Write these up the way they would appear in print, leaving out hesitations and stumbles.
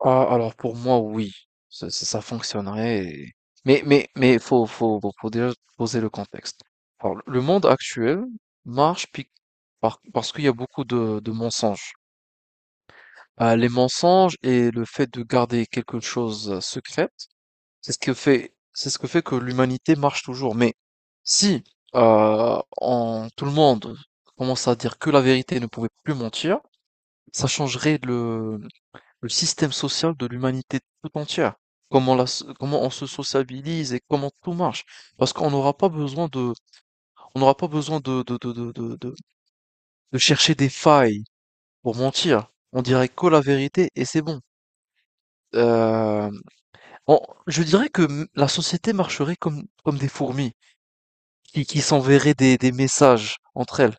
Ah, alors pour moi, oui, ça, ça fonctionnerait. Mais faut déjà poser le contexte. Alors, le monde actuel marche parce qu'il y a beaucoup de mensonges. Les mensonges et le fait de garder quelque chose secrète, c'est ce que fait que l'humanité marche toujours. Mais si tout le monde commence à dire que la vérité et ne pouvait plus mentir, ça changerait le système social de l'humanité tout entière, comment, comment on se sociabilise et comment tout marche. Parce qu'on n'aura pas besoin de, on n'aura pas besoin de chercher des failles pour mentir. On dirait que la vérité et c'est bon. Euh, on- je dirais la société marcherait comme, comme des fourmis, qui s'enverraient des messages entre elles.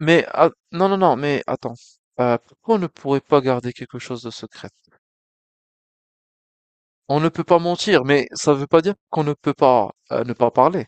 Mais ah, non, non, non, mais attends. Pourquoi on ne pourrait pas garder quelque chose de secret? On ne peut pas mentir, mais ça ne veut pas dire qu'on ne peut pas ne pas parler.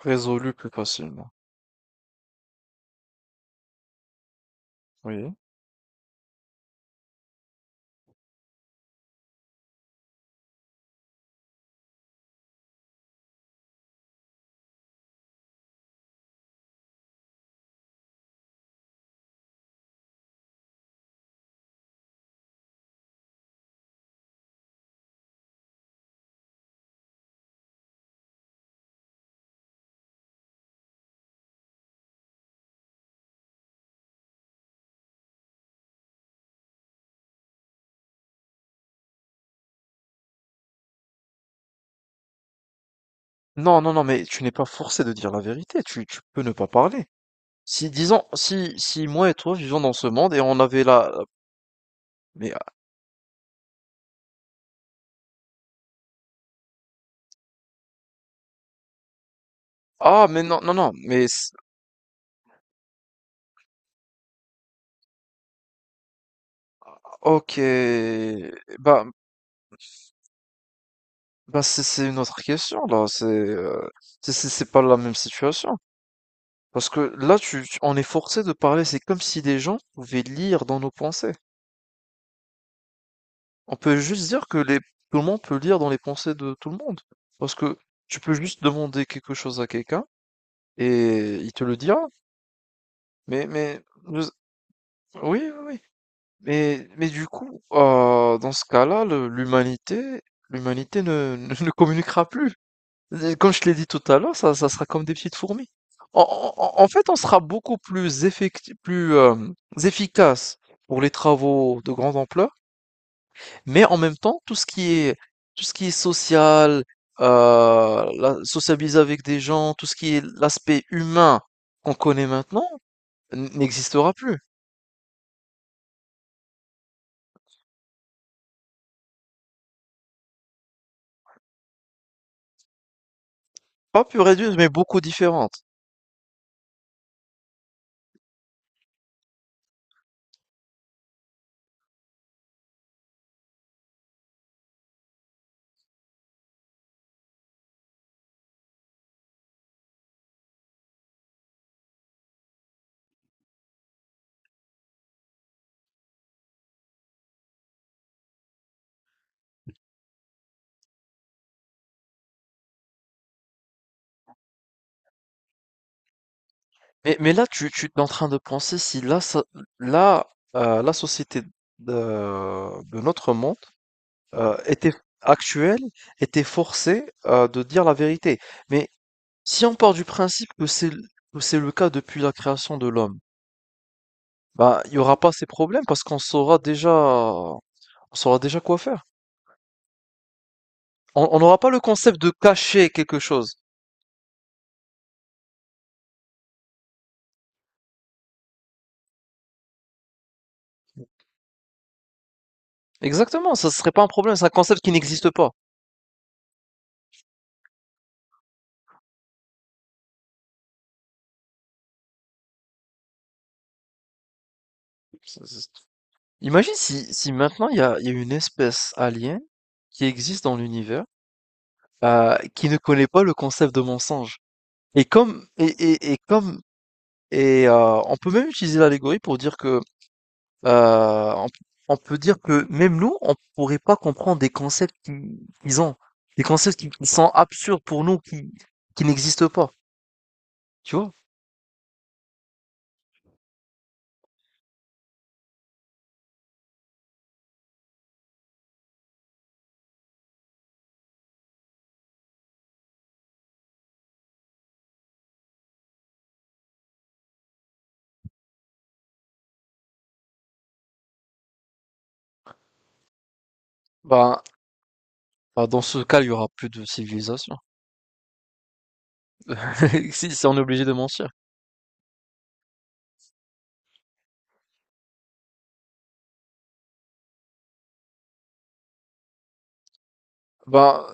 Résolu plus facilement. Oui. Non, non, non, mais tu n'es pas forcé de dire la vérité, tu peux ne pas parler. Si, disons, si, si moi et toi vivons dans ce monde et on avait la... Mais, ah, mais non, non, non, mais... Ok, bah, bah c'est une autre question, là, c'est pas la même situation. Parce que là, on est forcé de parler, c'est comme si des gens pouvaient lire dans nos pensées. On peut juste dire que tout le monde peut lire dans les pensées de tout le monde. Parce que tu peux juste demander quelque chose à quelqu'un et il te le dira. Mais, mais, nous- oui, oui, oui. Mais du coup, dans ce cas-là, l'humanité, l'humanité ne, ne, ne communiquera plus. Et comme je te l'ai dit tout à l'heure, ça sera comme des petites fourmis. En, En fait, on sera beaucoup plus efficace pour les travaux de grande ampleur, mais en même temps, tout ce qui est social, sociabiliser avec des gens, tout ce qui est l'aspect humain qu'on connaît maintenant, n'existera plus. Pas plus réduite, mais beaucoup différente. Mais là, tu es en train de penser si là, là, la société de notre monde était actuelle, était forcée de dire la vérité. Mais si on part du principe que que c'est le cas depuis la création de l'homme, bah, il n'y aura pas ces problèmes parce qu'on saura déjà, on saura déjà quoi faire. On n'aura pas le concept de cacher quelque chose. Exactement, ça serait pas un problème, c'est un concept qui n'existe pas. Ça- ça- Imagine si, si maintenant il y a une espèce alien qui existe dans l'univers, qui ne connaît pas le concept de mensonge. Et comme et comme et On peut même utiliser l'allégorie pour dire que euh, on, on peut dire que même nous on pourrait pas comprendre des concepts qu'ils ont, des concepts qui sont absurdes pour nous qui n'existent pas. Tu vois? Ben, Bah, dans ce cas, il y aura plus de civilisation. Si, si on est obligé de mentir. Bah,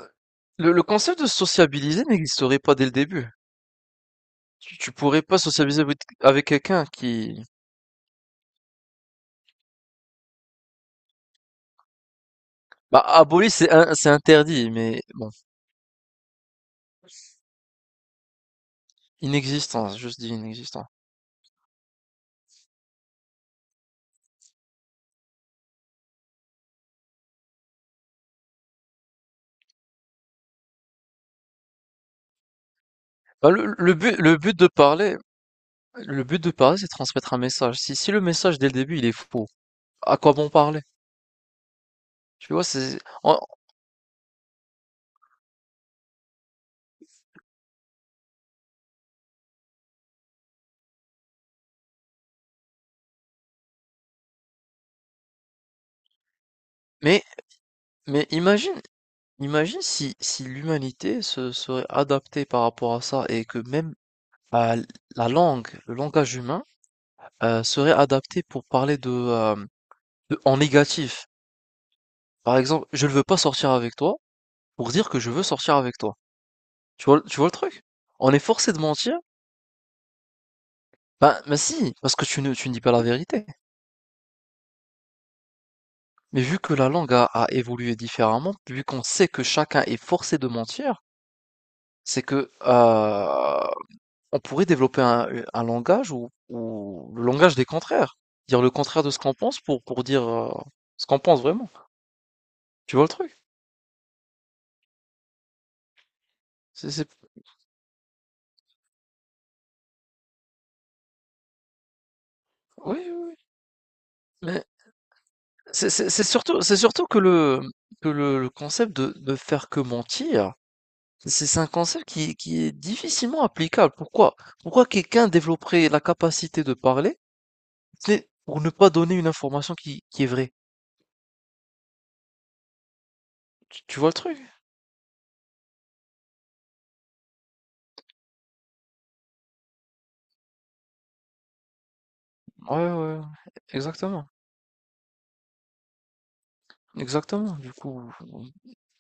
le concept de sociabiliser n'existerait pas dès le début. Tu pourrais pas sociabiliser avec quelqu'un qui... Bah, aboli, c'est interdit, mais bon, inexistant, je dis inexistant. Bah, le but de parler, le but de parler, c'est de transmettre un message. Si, si le message dès le début, il est faux, à quoi bon parler? Tu vois, c'est... Mais, mais imagine, imagine si, si l'humanité se serait adaptée par rapport à ça et que même euh, la langue, le langage humain, serait adapté pour parler en négatif. Par exemple, je ne veux pas sortir avec toi pour dire que je veux sortir avec toi. Tu vois le truc? On est forcé de mentir? Ben, mais si, parce que tu ne dis pas la vérité. Mais vu que la langue a évolué différemment, vu qu'on sait que chacun est forcé de mentir, c'est que on pourrait développer un langage ou le langage des contraires. Dire le contraire de ce qu'on pense pour dire ce qu'on pense vraiment. Tu vois le truc? C'est, c'est- Oui, oui, oui. Mais c'est surtout que le concept de ne faire que mentir, c'est un concept qui est difficilement applicable. Pourquoi? Pourquoi quelqu'un développerait la capacité de parler, c'est pour ne pas donner une information qui est vraie? Tu vois le truc? Ouais, ouais, exactement. Exactement.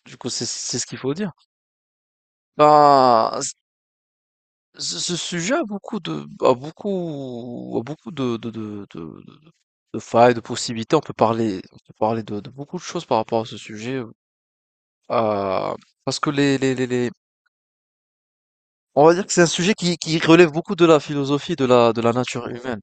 Du coup, c'est ce qu'il faut dire. Bah, ce sujet a beaucoup a beaucoup de failles, de possibilités. On peut parler de beaucoup de choses par rapport à ce sujet, euh, parce que on va dire que c'est un sujet qui relève beaucoup de la philosophie de la nature humaine.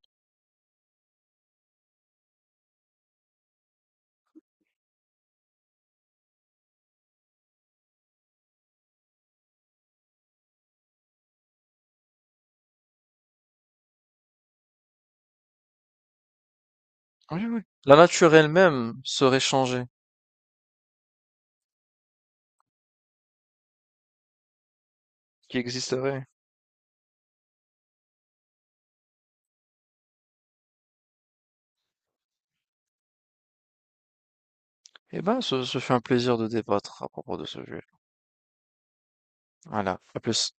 Oui, oui. La nature elle-même serait changée, qui existerait. Eh ben, ce fut un plaisir de débattre à propos de ce sujet. Voilà. À plus.